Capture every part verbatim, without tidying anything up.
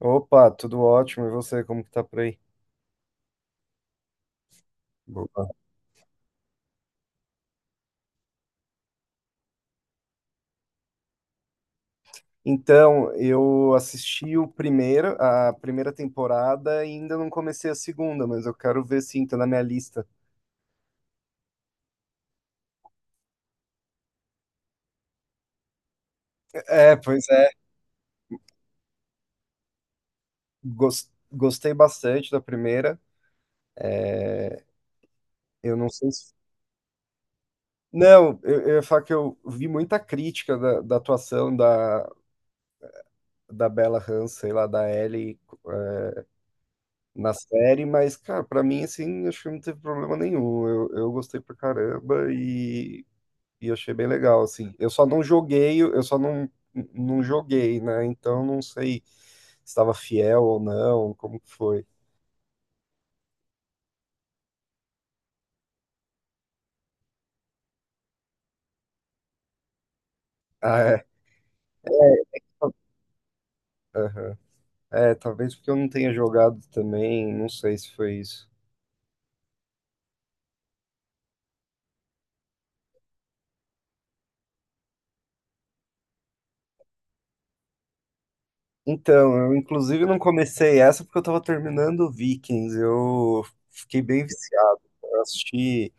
Opa, tudo ótimo. E você, como que tá por aí? Opa. Então, eu assisti o primeiro, a primeira temporada e ainda não comecei a segunda, mas eu quero ver sim, tá na minha lista. É, pois é. Gos- Gostei bastante da primeira. Eu não sei se. Não, eu, eu ia falar que eu vi muita crítica da, da atuação da, da Bella Ramsey, lá da Ellie, eh, na série, mas, cara, pra mim, assim, acho que não teve problema nenhum. Eu, eu gostei pra caramba e E eu achei bem legal, assim. Eu só não joguei, eu só não, não joguei, né? Então não sei se estava fiel ou não, como que foi. Ah, é. Aham. É, talvez porque eu não tenha jogado também, não sei se foi isso. Então, eu inclusive não comecei essa porque eu tava terminando Vikings. Eu fiquei bem viciado. Eu assisti.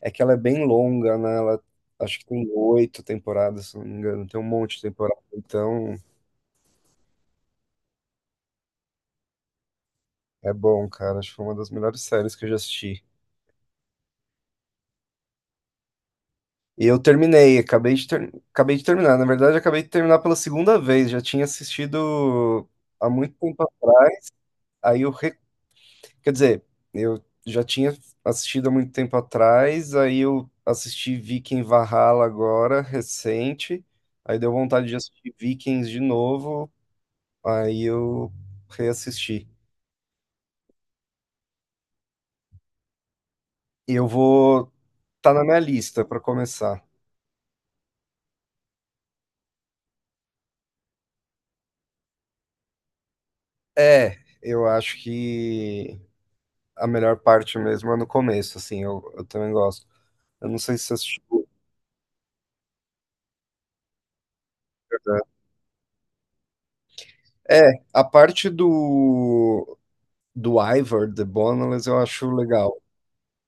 É que ela é bem longa, né? Ela acho que tem oito temporadas, se não me engano. Tem um monte de temporada. Então, é bom, cara. Acho que foi uma das melhores séries que eu já assisti. E eu terminei, acabei de, ter- acabei de terminar. Na verdade, acabei de terminar pela segunda vez. Já tinha assistido há muito tempo atrás. Aí eu, re- quer dizer, eu já tinha assistido há muito tempo atrás. Aí eu assisti Viking Valhalla agora, recente. Aí deu vontade de assistir Vikings de novo. Aí eu reassisti. E eu vou. Tá na minha lista para começar. É, eu acho que a melhor parte mesmo é no começo, assim, eu, eu também gosto. Eu não sei se você assistiu. É, a parte do, do Ivor, The Boneless, eu acho legal.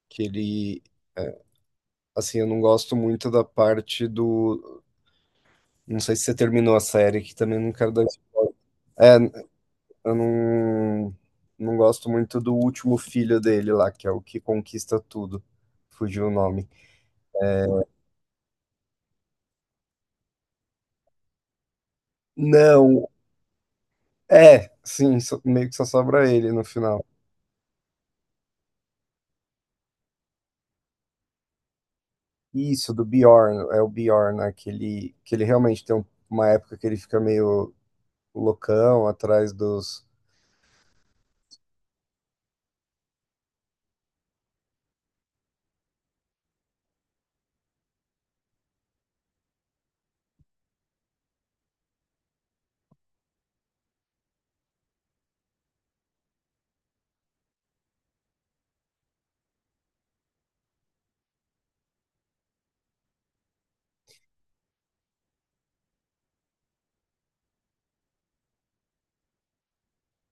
Que ele, assim, eu não gosto muito da parte do. Não sei se você terminou a série, que também não quero dar. É, eu não, não gosto muito do último filho dele lá, que é o que conquista tudo. Fugiu o nome. Não, é, sim, só- meio que só sobra ele no final. Isso, do Bjorn, é o Bjorn, né? Que ele, que ele realmente tem um- uma época que ele fica meio o Locão atrás dos.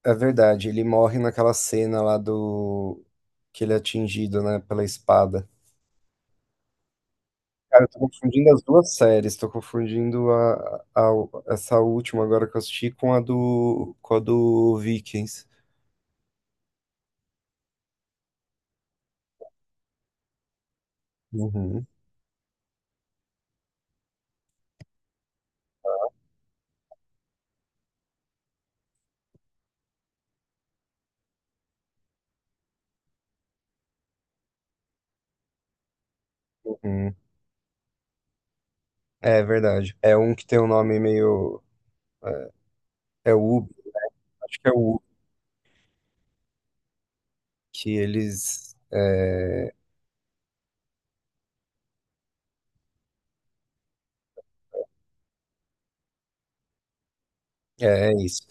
É verdade, ele morre naquela cena lá do. Que ele é atingido, né, pela espada. Cara, eu tô confundindo as duas séries, tô confundindo a, a- essa última agora que eu assisti com a do, com a do Vikings. Uhum, uhum. É verdade. É um que tem um nome meio. É o Ubi, acho que é o Ubi, que eles. É, é, é isso.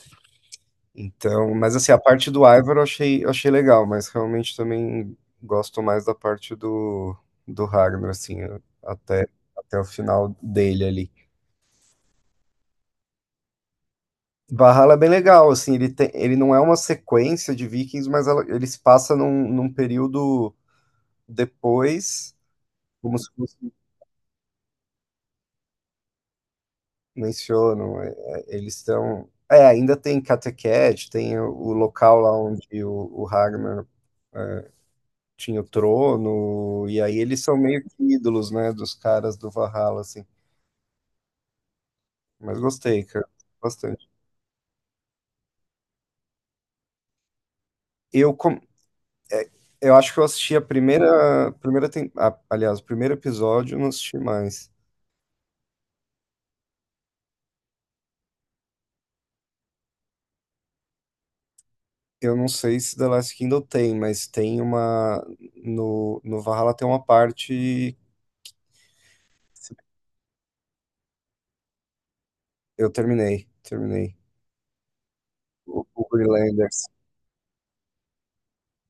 Então, mas assim, a parte do Ivar eu achei, eu achei legal, mas realmente também gosto mais da parte do, do Ragnar, assim, até, até o final dele ali. Valhalla é bem legal, assim, ele, tem, ele não é uma sequência de Vikings, mas ela, ele se passa num, num período depois, como se fosse, mencionam, é, é, eles estão... É, ainda tem Cattegat, tem o, o local lá onde o, o Ragnar tinha o Trono, e aí eles são meio que ídolos, né, dos caras do Valhalla, assim. Mas gostei, cara, bastante. Eu, com- eu acho que eu assisti a primeira, primeira tem... ah, aliás, o primeiro episódio, eu não assisti mais. Eu não sei se The Last Kingdom tem, mas tem uma, no, no Valhalla tem uma parte, eu terminei, terminei. O, o Greenlanders.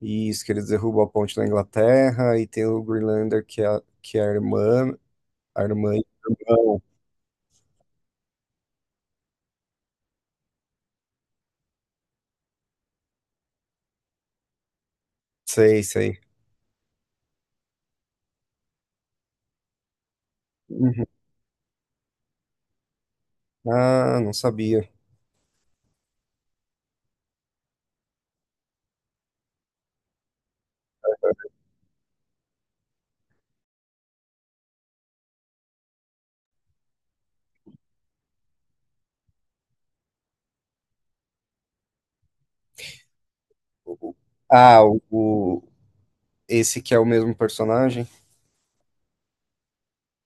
Isso, que eles derrubam a ponte na Inglaterra, e tem o Greenlander que é, a- que é a irmã, a irmã e o irmão. Sei, sei. Uhum. Ah, não sabia. Ah, o, o- esse que é o mesmo personagem?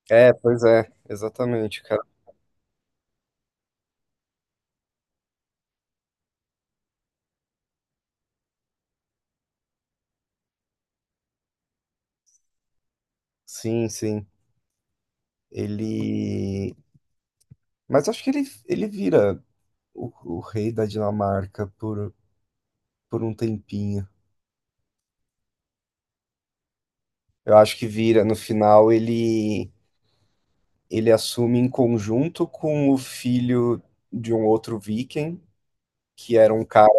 É, pois é, exatamente, cara. Sim, sim. Ele. Mas acho que ele, ele vira o, o rei da Dinamarca por, por um tempinho. Eu acho que vira. No final, ele, ele assume em conjunto com o filho de um outro viking, que era um cara.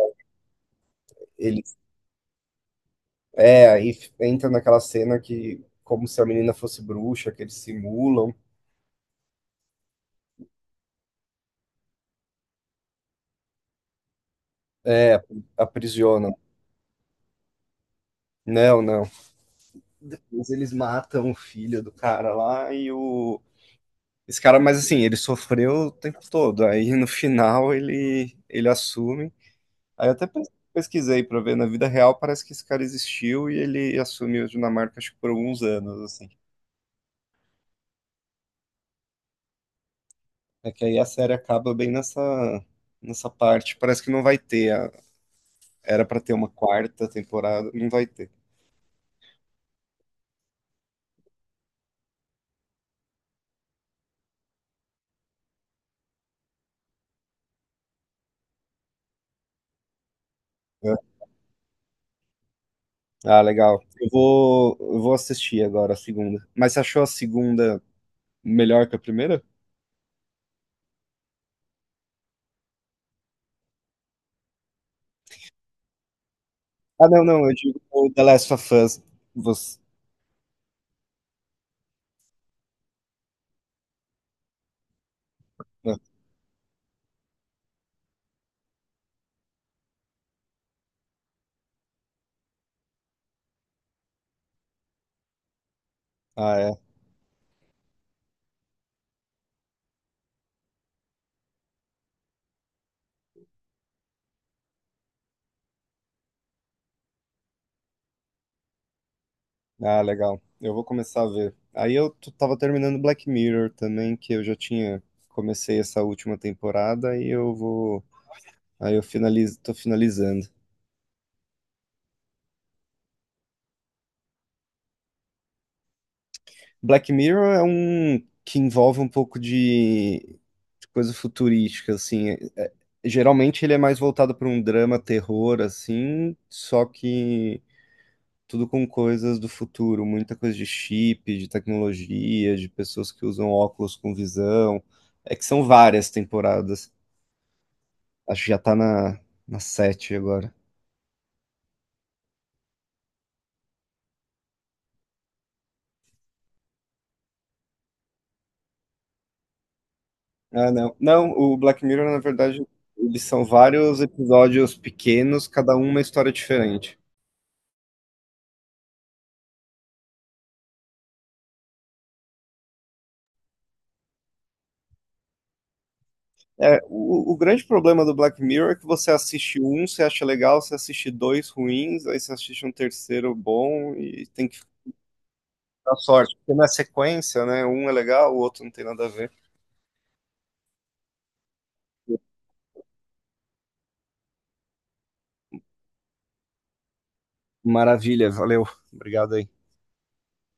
Ele, é, aí entra naquela cena que, como se a menina fosse bruxa, que eles simulam. É, aprisionam. Não, não. Depois eles matam o filho do cara lá e o. Esse cara, mas assim, ele sofreu o tempo todo. Aí no final ele, ele assume. Aí eu até pes- pesquisei pra ver, na vida real parece que esse cara existiu e ele assumiu a Dinamarca, acho que por alguns anos, assim. É que aí a série acaba bem nessa, nessa parte. Parece que não vai ter. a- Era pra ter uma quarta temporada, não vai ter. Ah, legal. Eu vou, eu vou assistir agora a segunda. Mas você achou a segunda melhor que a primeira? Ah, não, não, eu digo o The Last of Us. Você... Ah, é. Ah, legal. Eu vou começar a ver. Aí eu t- tava terminando Black Mirror também, que eu já tinha comecei essa última temporada e eu vou. Aí eu finalizo, tô finalizando. Black Mirror é um que envolve um pouco de, de coisa futurística, assim. É- é- geralmente ele é mais voltado para um drama, terror, assim, só que tudo com coisas do futuro, muita coisa de chip, de tecnologia, de pessoas que usam óculos com visão. É que são várias temporadas. Acho que já tá na, na sete agora. Ah, não. Não, o Black Mirror, na verdade, eles são vários episódios pequenos, cada um uma história diferente. É, o, o grande problema do Black Mirror é que você assiste um, você acha legal, você assiste dois ruins, aí você assiste um terceiro bom e tem que dar sorte, porque na sequência, né? Um é legal, o outro não tem nada a ver. Maravilha, valeu. Obrigado aí.